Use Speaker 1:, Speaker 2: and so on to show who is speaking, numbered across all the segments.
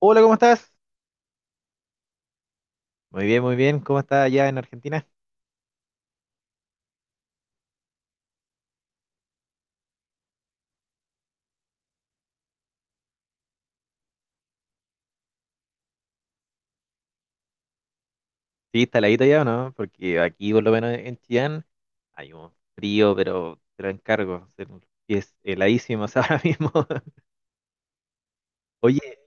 Speaker 1: Hola, ¿cómo estás? Muy bien, muy bien. ¿Cómo está allá en Argentina? Sí, está heladito ya, ¿o no? Porque aquí, por lo menos en Chillán, hay un frío, pero te lo encargo. Es heladísimo ahora mismo. Oye.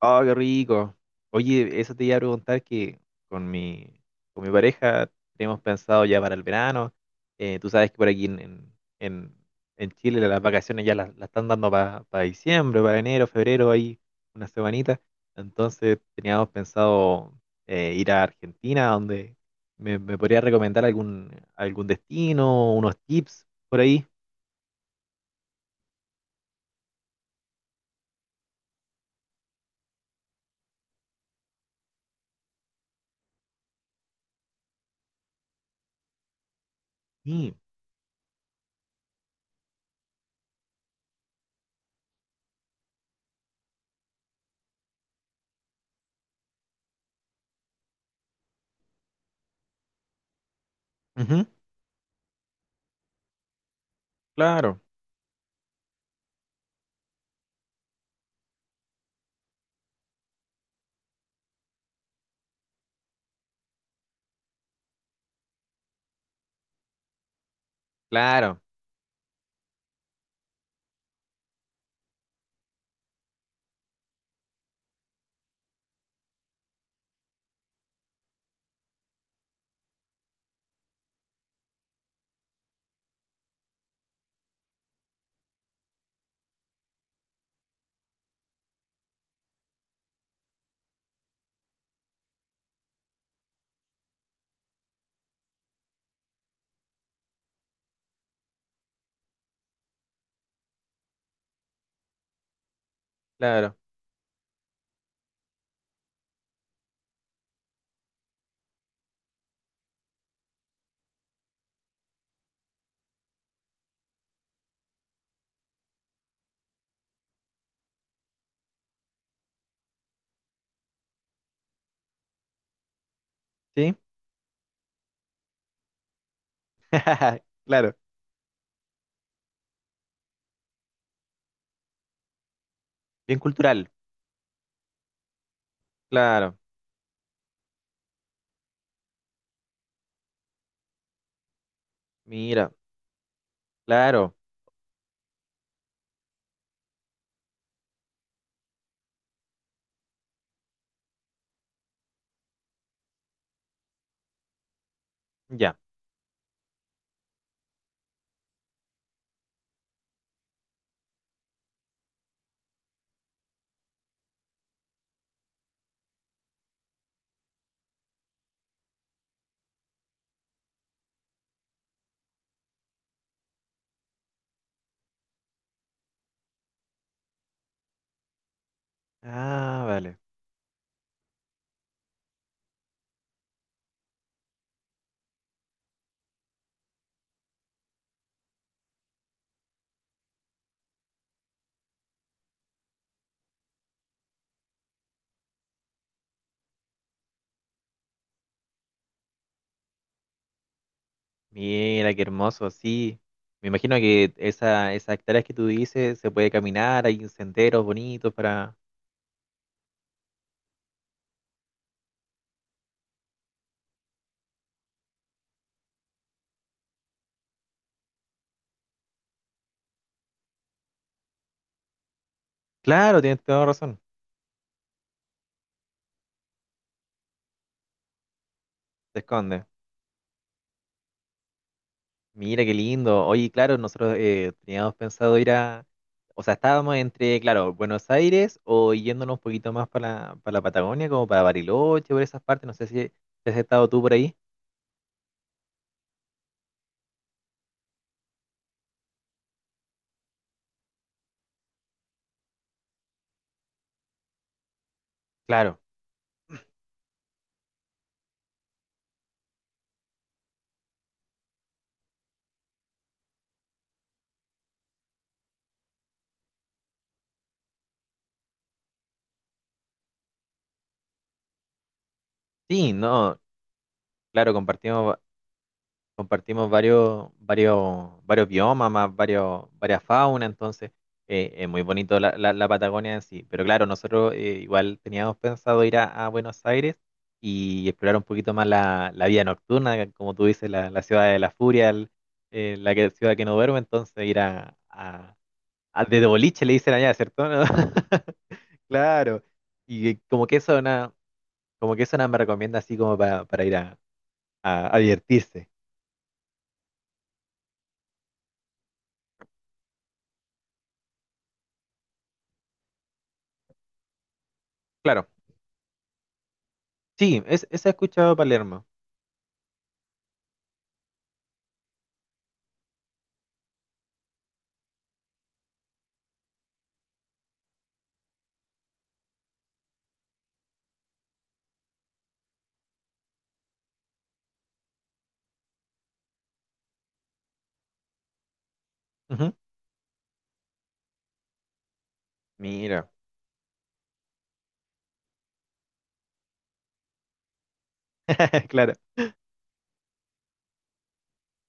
Speaker 1: Oh, qué rico. Oye, eso te iba a preguntar que con mi, con mi pareja tenemos pensado ya para el verano. Tú sabes que por aquí en- en Chile las vacaciones ya las están dando para diciembre, para enero, febrero, ahí una semanita. Entonces teníamos pensado ir a Argentina, donde me podría recomendar algún destino, unos tips por ahí. Sí. Ujú. Claro, claro, claro. ¿Sí? Claro. Bien cultural, claro. Mira, claro, ya. Ah, vale. Mira, qué hermoso, sí. Me imagino que esas hectáreas que tú dices se puede caminar, hay senderos bonitos para... Claro, tienes toda razón, se esconde. Mira, qué lindo. Oye, claro, nosotros teníamos pensado ir a... O sea, estábamos entre, claro, Buenos Aires o yéndonos un poquito más para para la Patagonia, como para Bariloche, por esas partes. No sé si has estado tú por ahí. Claro. Sí, no, claro, compartimos varios biomas, más varias faunas, entonces es muy bonito la Patagonia en sí. Pero claro, nosotros igual teníamos pensado ir a Buenos Aires y explorar un poquito más la vida nocturna, que como tú dices, la ciudad de la furia, ciudad que no duerme, entonces ir de boliche le dicen allá, ¿cierto? ¿No? Claro. Y como que eso, como que eso nada me recomienda así como para ir a divertirse. Claro. Sí, es, esa he escuchado Palermo. Ujú. Mira, claro.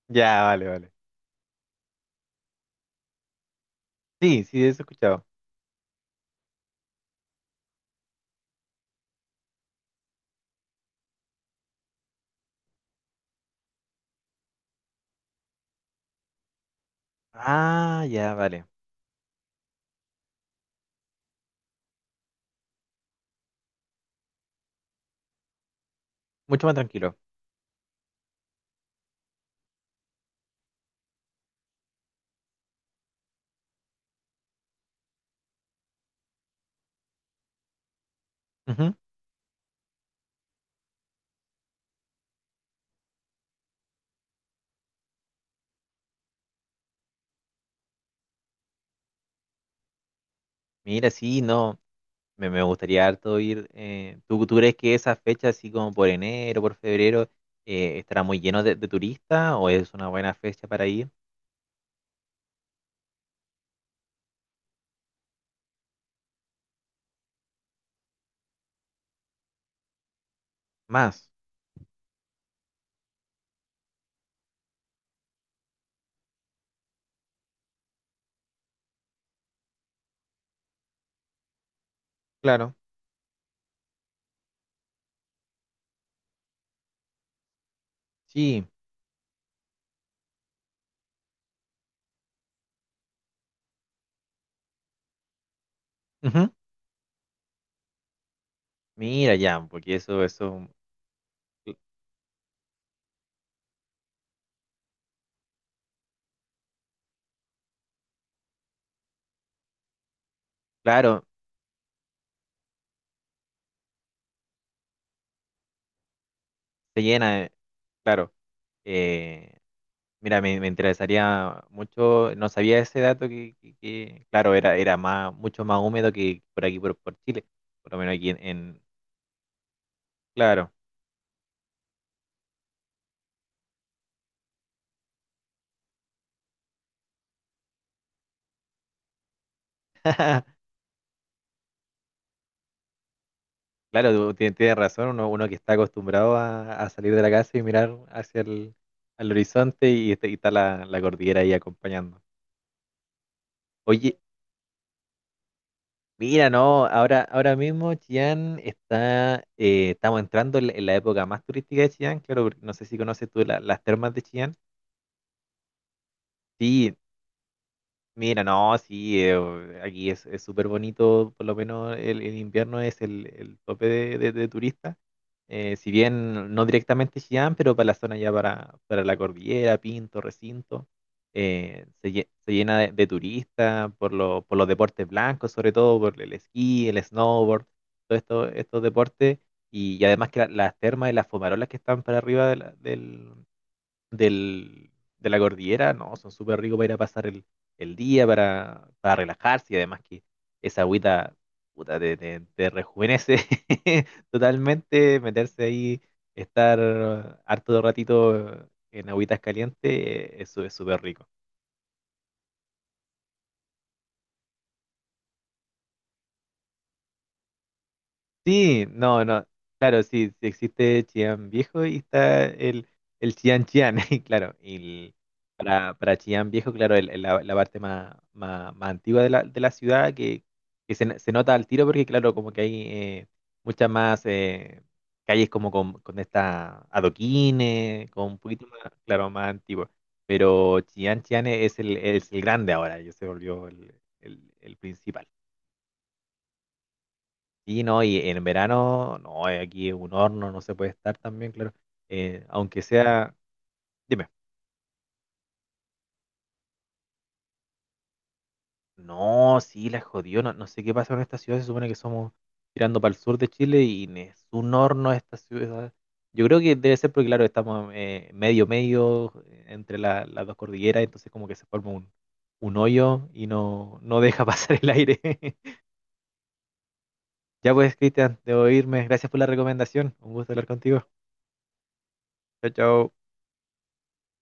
Speaker 1: Ya, vale, vale. Sí, sí, eso he escuchado. Ah, ya, vale. Mucho más tranquilo. Ujú. Mira, sí, no. Me gustaría harto ir. ¿Tú, tú crees que esa fecha, así como por enero, por febrero, estará muy lleno de turistas o es una buena fecha para ir? Más, claro. Sí. Ujú. Mira, ya, porque eso, cl- claro, se llena, claro. Eh, mira, me interesaría mucho, no sabía ese dato que, claro, era más, mucho más húmedo que por aquí, por Chile, por lo menos aquí claro, claro, tienes razón, uno, uno que está acostumbrado a salir de la casa y mirar hacia el al horizonte y está la cordillera ahí acompañando. Oye, mira, no, ahora mismo Chillán está, estamos entrando en la época más turística de Chillán, claro, porque no sé si conoces tú las termas de Chillán. Sí, mira, no, sí, aquí es súper bonito, por lo menos el invierno es el tope de turistas. Si bien no directamente Chillán, pero para la zona ya para la cordillera, Pinto, Recinto, se llena de turistas por, por los deportes blancos, sobre todo por el esquí, el snowboard, todos estos deportes. Y además que las termas y las fumarolas que están para arriba de del, de la cordillera, no, son súper ricos para ir a pasar el día, para relajarse y además que esa agüita puta, te rejuvenece totalmente, meterse ahí, estar harto de ratito en agüitas calientes, eso es súper rico. Sí, no, no, claro, sí, sí existe Chillán Viejo y está el Chillán Chillán, y claro, y el- para Chillán Viejo, claro, la parte más, más, más antigua de de la ciudad que se nota al tiro porque, claro, como que hay muchas más calles como con esta adoquines, con un poquito más, claro, más antiguo, pero Chillán Chillán es es el grande ahora, ya se volvió el principal. Sí, no, y en verano, no, aquí es un horno, no se puede estar también, claro. Aunque sea, dime, no, sí, la jodió, no, no sé qué pasa con esta ciudad, se supone que somos tirando para el sur de Chile y ni es un horno esta ciudad. Yo creo que debe ser porque, claro, estamos medio, medio entre las dos cordilleras, entonces como que se forma un hoyo y no, no deja pasar el aire. Ya pues, Cristian, debo irme. Gracias por la recomendación. Un gusto hablar contigo. Chao, chao.